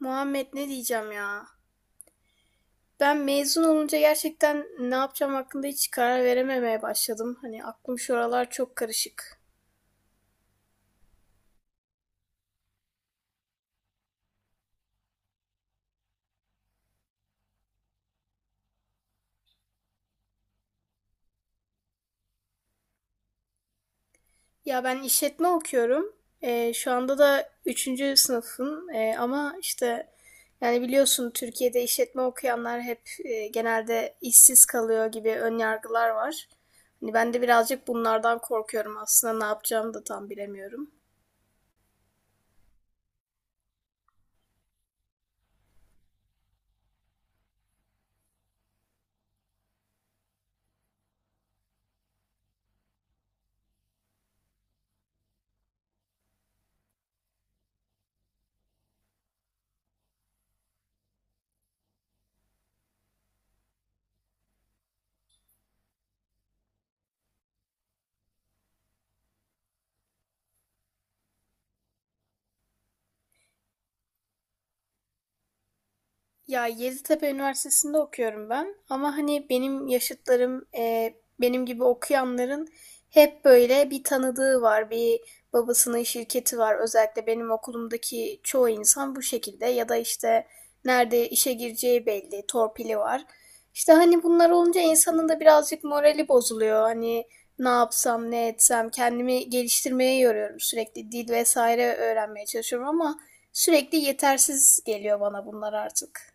Muhammed, ne diyeceğim ya? Ben mezun olunca gerçekten ne yapacağım hakkında hiç karar verememeye başladım. Hani aklım şuralar çok karışık. Ya ben işletme okuyorum. Şu anda da üçüncü sınıfım. Ama işte yani biliyorsun, Türkiye'de işletme okuyanlar hep, genelde işsiz kalıyor gibi ön yargılar var. Hani ben de birazcık bunlardan korkuyorum. Aslında ne yapacağımı da tam bilemiyorum. Ya Yeditepe Üniversitesi'nde okuyorum ben, ama hani benim yaşıtlarım, benim gibi okuyanların hep böyle bir tanıdığı var, bir babasının şirketi var. Özellikle benim okulumdaki çoğu insan bu şekilde, ya da işte nerede işe gireceği belli, torpili var. İşte hani bunlar olunca insanın da birazcık morali bozuluyor. Hani ne yapsam, ne etsem kendimi geliştirmeye yoruyorum. Sürekli dil vesaire öğrenmeye çalışıyorum, ama sürekli yetersiz geliyor bana bunlar artık.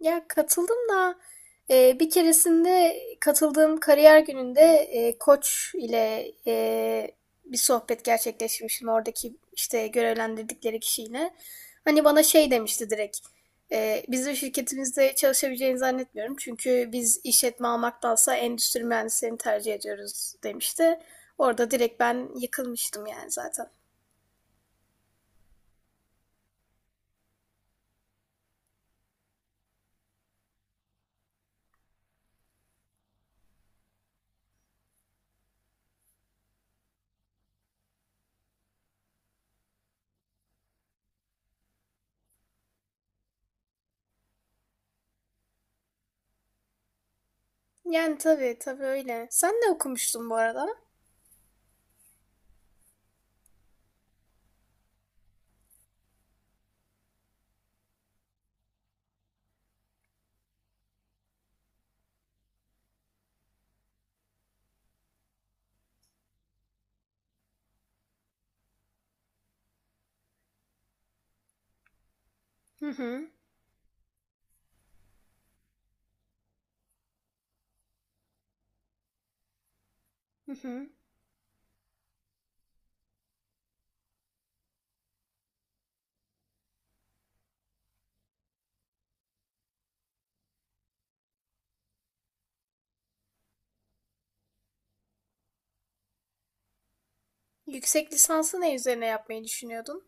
Ya katıldım da, bir keresinde katıldığım kariyer gününde, Koç ile, bir sohbet gerçekleşmiştim oradaki işte görevlendirdikleri kişiyle. Hani bana şey demişti direkt. Bizim şirketimizde çalışabileceğini zannetmiyorum. Çünkü biz işletme almaktansa endüstri mühendislerini tercih ediyoruz, demişti. Orada direkt ben yıkılmıştım yani zaten. Yani tabii tabii, öyle. Sen ne okumuştun bu arada? Hı hı. Hı hı. Yüksek lisansı ne üzerine yapmayı düşünüyordun?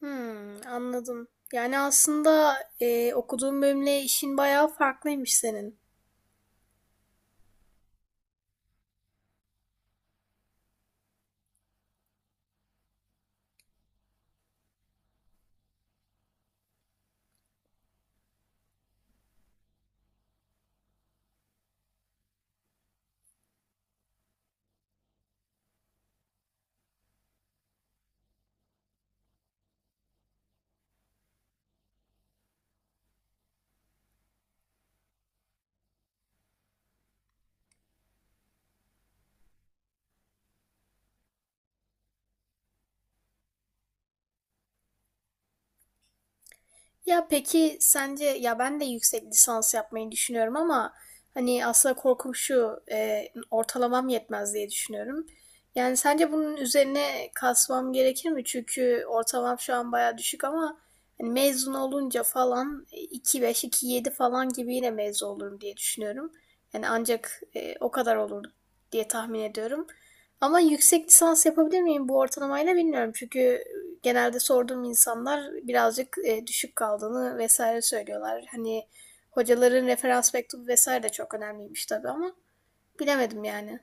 Hmm, anladım. Yani aslında, okuduğun bölümle işin bayağı farklıymış senin. Ya peki sence, ya ben de yüksek lisans yapmayı düşünüyorum ama hani aslında korkum şu: ortalamam yetmez diye düşünüyorum. Yani sence bunun üzerine kasmam gerekir mi? Çünkü ortalamam şu an baya düşük, ama hani mezun olunca falan, 2.5 2.7 falan gibi yine mezun olurum diye düşünüyorum. Yani ancak, o kadar olur diye tahmin ediyorum. Ama yüksek lisans yapabilir miyim bu ortalamayla, bilmiyorum. Çünkü genelde sorduğum insanlar birazcık, düşük kaldığını vesaire söylüyorlar. Hani hocaların referans mektubu vesaire de çok önemliymiş tabii, ama bilemedim yani.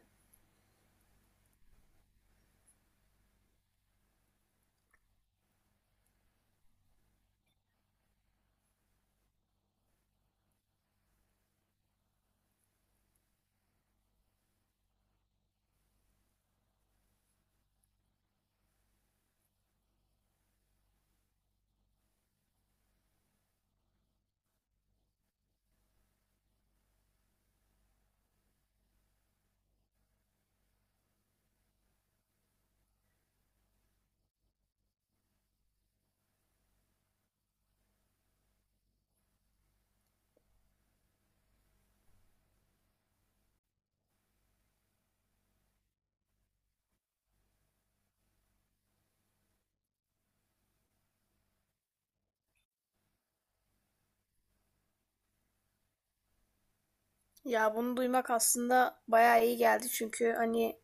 Ya bunu duymak aslında bayağı iyi geldi, çünkü hani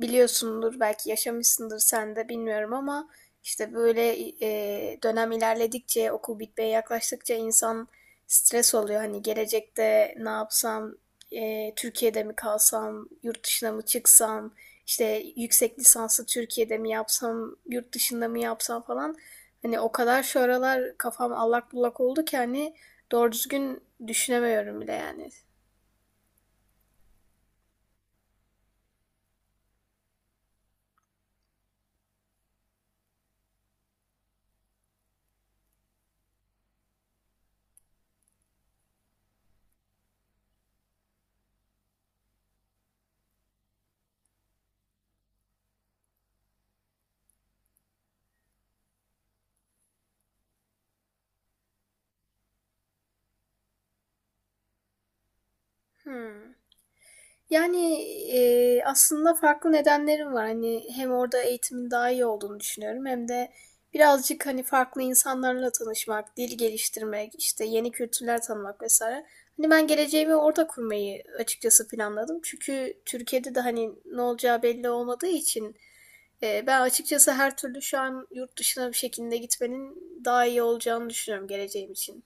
biliyorsundur, belki yaşamışsındır sen de bilmiyorum, ama işte böyle, dönem ilerledikçe, okul bitmeye yaklaştıkça insan stres oluyor. Hani gelecekte ne yapsam, Türkiye'de mi kalsam, yurt dışına mı çıksam, işte yüksek lisansı Türkiye'de mi yapsam, yurt dışında mı yapsam falan. Hani o kadar şu aralar kafam allak bullak oldu ki hani doğru düzgün düşünemiyorum bile yani. Hmm. Yani, aslında farklı nedenlerim var. Hani hem orada eğitimin daha iyi olduğunu düşünüyorum, hem de birazcık hani farklı insanlarla tanışmak, dil geliştirmek, işte yeni kültürler tanımak vesaire. Hani ben geleceğimi orada kurmayı açıkçası planladım. Çünkü Türkiye'de de hani ne olacağı belli olmadığı için, ben açıkçası her türlü şu an yurt dışına bir şekilde gitmenin daha iyi olacağını düşünüyorum geleceğim için.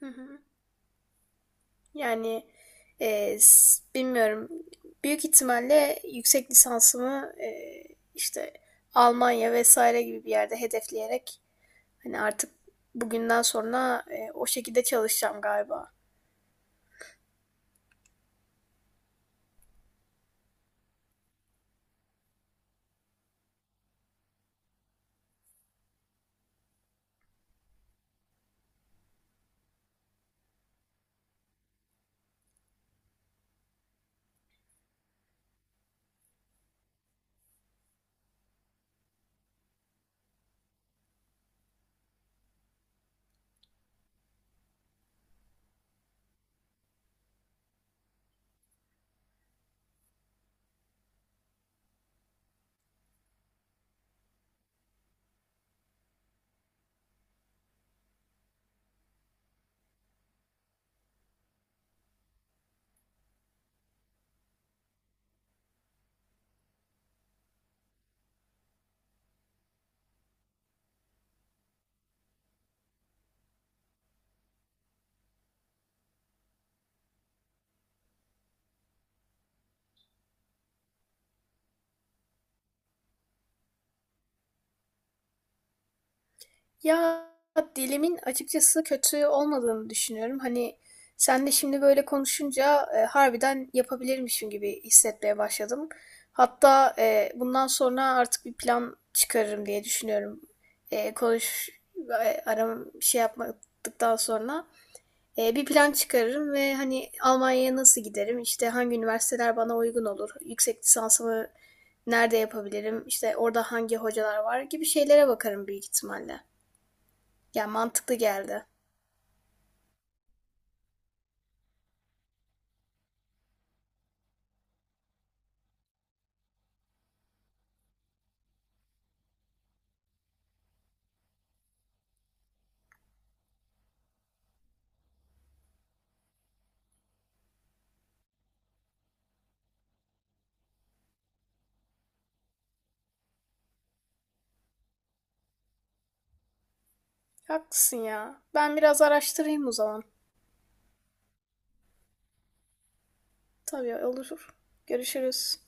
Hı hı. Yani e, bilmiyorum. Büyük ihtimalle yüksek lisansımı, işte Almanya vesaire gibi bir yerde hedefleyerek, hani artık bugünden sonra, o şekilde çalışacağım galiba. Ya dilimin açıkçası kötü olmadığını düşünüyorum. Hani sen de şimdi böyle konuşunca, harbiden yapabilirmişim gibi hissetmeye başladım. Hatta, bundan sonra artık bir plan çıkarırım diye düşünüyorum. Konuş, aram şey yapmadıktan sonra, bir plan çıkarırım ve hani Almanya'ya nasıl giderim? İşte hangi üniversiteler bana uygun olur? Yüksek lisansımı nerede yapabilirim? İşte orada hangi hocalar var gibi şeylere bakarım büyük ihtimalle. Ya mantıklı geldi. Haklısın ya. Ben biraz araştırayım o zaman. Tabii, olur. Görüşürüz.